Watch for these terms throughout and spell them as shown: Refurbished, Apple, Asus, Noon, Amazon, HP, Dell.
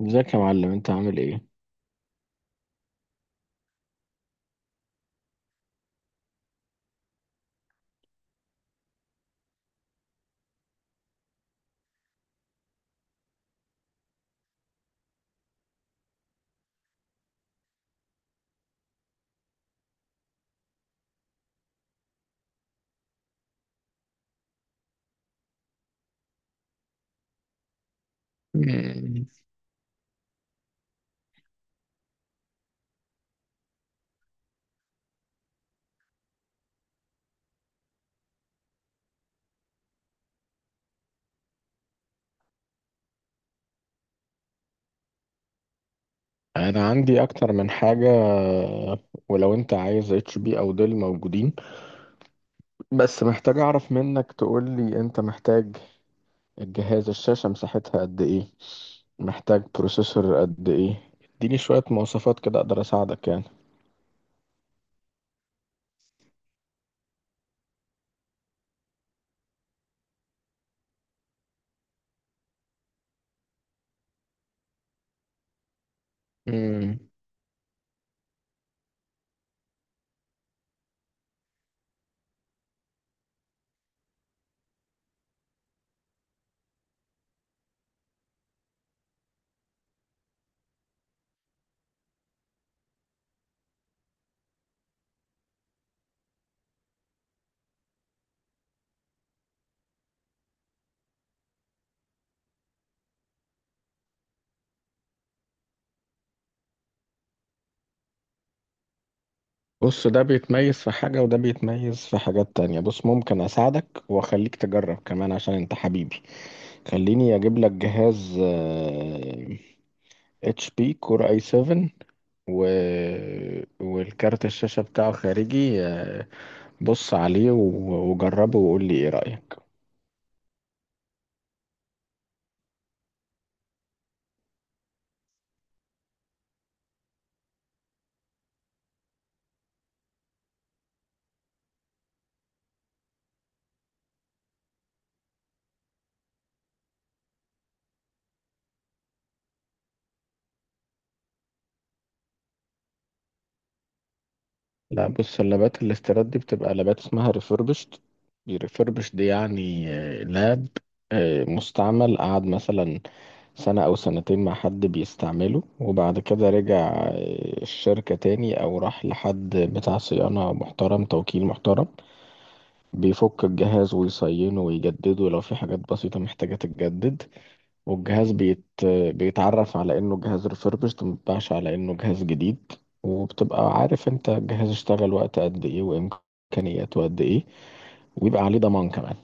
ازيك يا معلم انت عامل ايه؟ مم. انا عندي اكتر من حاجة. ولو انت عايز اتش بي او ديل موجودين، بس محتاج اعرف منك. تقول لي انت محتاج الجهاز الشاشة مساحتها قد ايه، محتاج بروسيسور قد ايه. اديني شوية مواصفات كده اقدر اساعدك يعني. مم. بص ده بيتميز في حاجة وده بيتميز في حاجات تانية. بص ممكن أساعدك وأخليك تجرب كمان عشان أنت حبيبي. خليني أجيب لك جهاز اتش بي كور اي 7. و... والكارت الشاشة بتاعه خارجي، آه، بص عليه وجربه وقول لي ايه رأيك. لا، بص اللابات الاستيراد دي بتبقى لابات اسمها ريفربشت. ريفربشت دي يعني لاب مستعمل، قعد مثلا سنة أو سنتين مع حد بيستعمله، وبعد كده رجع الشركة تاني أو راح لحد بتاع صيانة محترم، توكيل محترم بيفك الجهاز ويصينه ويجدده لو في حاجات بسيطة محتاجة تتجدد. والجهاز بيتعرف على انه جهاز refurbished، مبيتباعش على انه جهاز جديد. وبتبقى عارف انت الجهاز اشتغل وقت قد ايه وامكانياته قد ايه، ويبقى عليه ضمان كمان.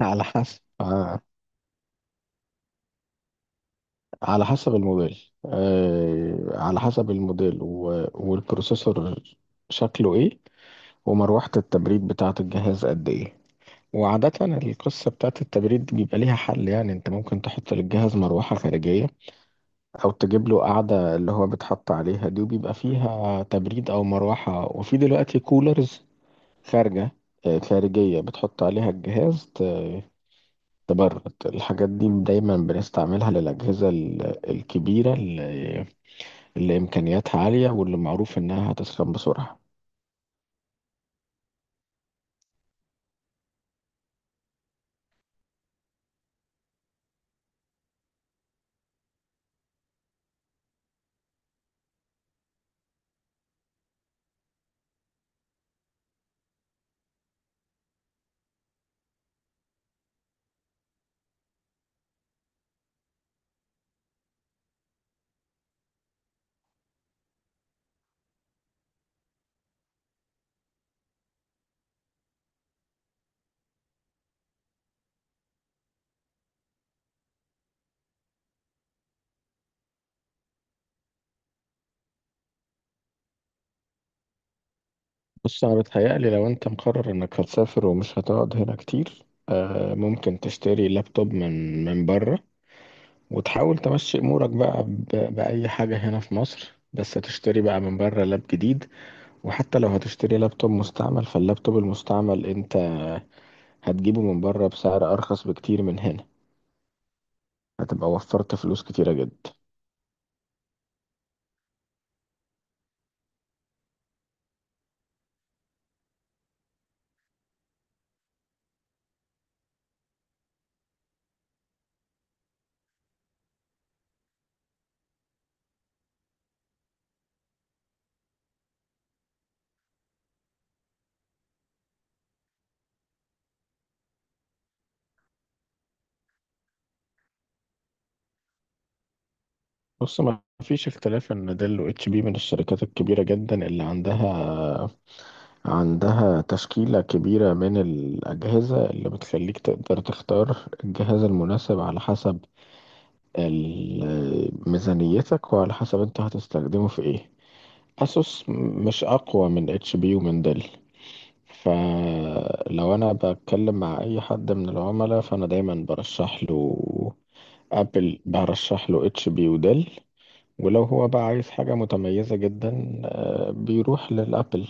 على حسب آه، على حسب الموديل آه، على حسب الموديل والبروسيسور شكله ايه، ومروحة التبريد بتاعة الجهاز قد ايه. وعادة القصة بتاعت التبريد دي بيبقى ليها حل. يعني انت ممكن تحط للجهاز مروحة خارجية، او تجيب له قاعدة اللي هو بيتحط عليها دي وبيبقى فيها تبريد او مروحة. وفي دلوقتي كولرز خارجة آه، خارجية بتحط عليها الجهاز تبرد. الحاجات دي دايما بنستعملها للأجهزة الكبيرة اللي إمكانياتها عالية واللي معروف إنها هتسخن بسرعة. بص، انا بتهيألي لو انت مقرر انك هتسافر ومش هتقعد هنا كتير، ممكن تشتري لابتوب من بره، وتحاول تمشي امورك بقى بأي حاجة هنا في مصر، بس تشتري بقى من بره لاب جديد. وحتى لو هتشتري لابتوب مستعمل، فاللابتوب المستعمل انت هتجيبه من بره بسعر ارخص بكتير من هنا. هتبقى وفرت فلوس كتيرة جدا. بص، ما فيش اختلاف ان ديل و اتش بي من الشركات الكبيرة جدا اللي عندها تشكيلة كبيرة من الأجهزة اللي بتخليك تقدر تختار الجهاز المناسب على حسب ميزانيتك وعلى حسب انت هتستخدمه في ايه. أسوس مش أقوى من اتش بي ومن ديل. فلو أنا بتكلم مع أي حد من العملاء، فأنا دايما برشح له ابل، برشح له اتش بي وديل. ولو هو بقى عايز حاجة متميزة جدا بيروح للابل.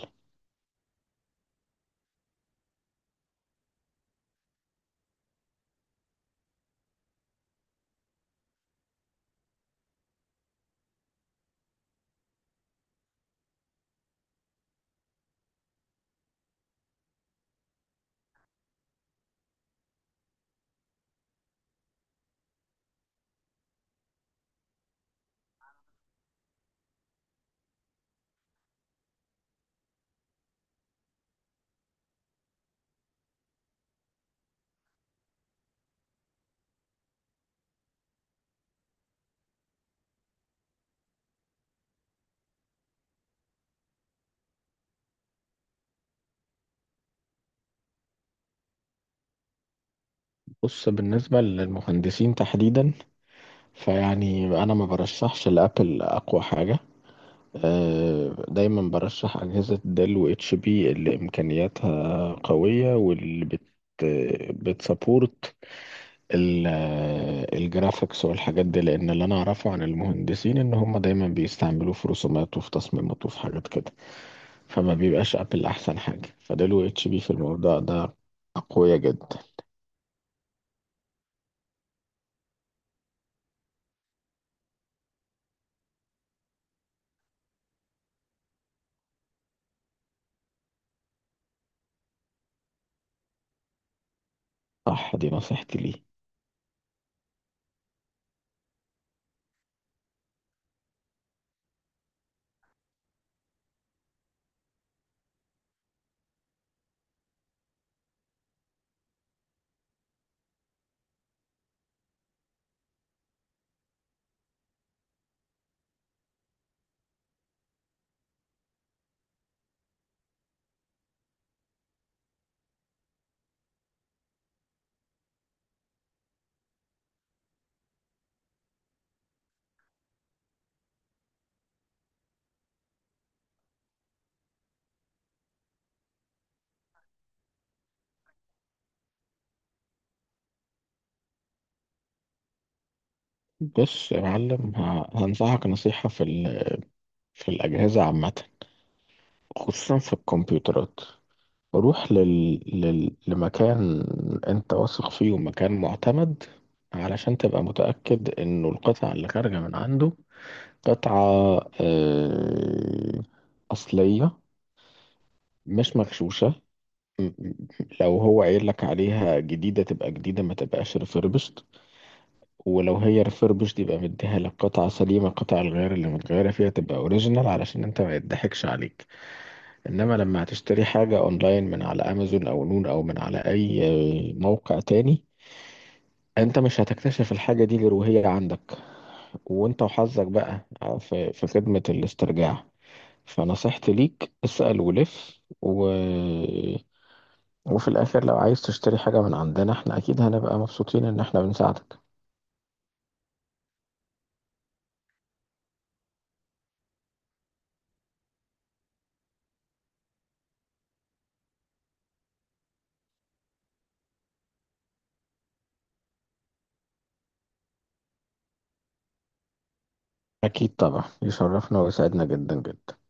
بص، بالنسبة للمهندسين تحديدا، فيعني أنا ما برشحش لأبل أقوى حاجة. دايما برشح أجهزة ديل و اتش بي اللي إمكانياتها قوية واللي بتسابورت ال- الجرافيكس والحاجات دي، لأن اللي أنا أعرفه عن المهندسين إن هم دايما بيستعملوه في رسومات وفي تصميمات وفي حاجات كده. فما بيبقاش أبل أحسن حاجة، فديل و اتش بي في الموضوع ده أقوياء جدا. صح، دي نصيحتي ليه. بص يا معلم، هنصحك نصيحة في الأجهزة عامة، خصوصا في الكمبيوترات. روح لمكان أنت واثق فيه ومكان معتمد، علشان تبقى متأكد إنه القطعة اللي خارجة من عنده قطعة آه، أصلية، مش مغشوشة. م- م- لو هو قايل لك عليها جديدة تبقى جديدة، ما تبقاش ريفربشت. ولو هي ريفربش يبقى مديها لك قطعة سليمة، قطع الغيار اللي متغيرة فيها تبقى اوريجينال علشان انت ما يضحكش عليك. انما لما هتشتري حاجة اونلاين من على امازون او نون او من على اي موقع تاني، انت مش هتكتشف الحاجة دي غير وهي عندك، وانت وحظك بقى في خدمة الاسترجاع. فنصيحتي ليك اسأل ولف وفي الاخر لو عايز تشتري حاجة من عندنا، احنا اكيد هنبقى مبسوطين ان احنا بنساعدك. اكيد طبعا، يشرفنا ويسعدنا جدا جدا.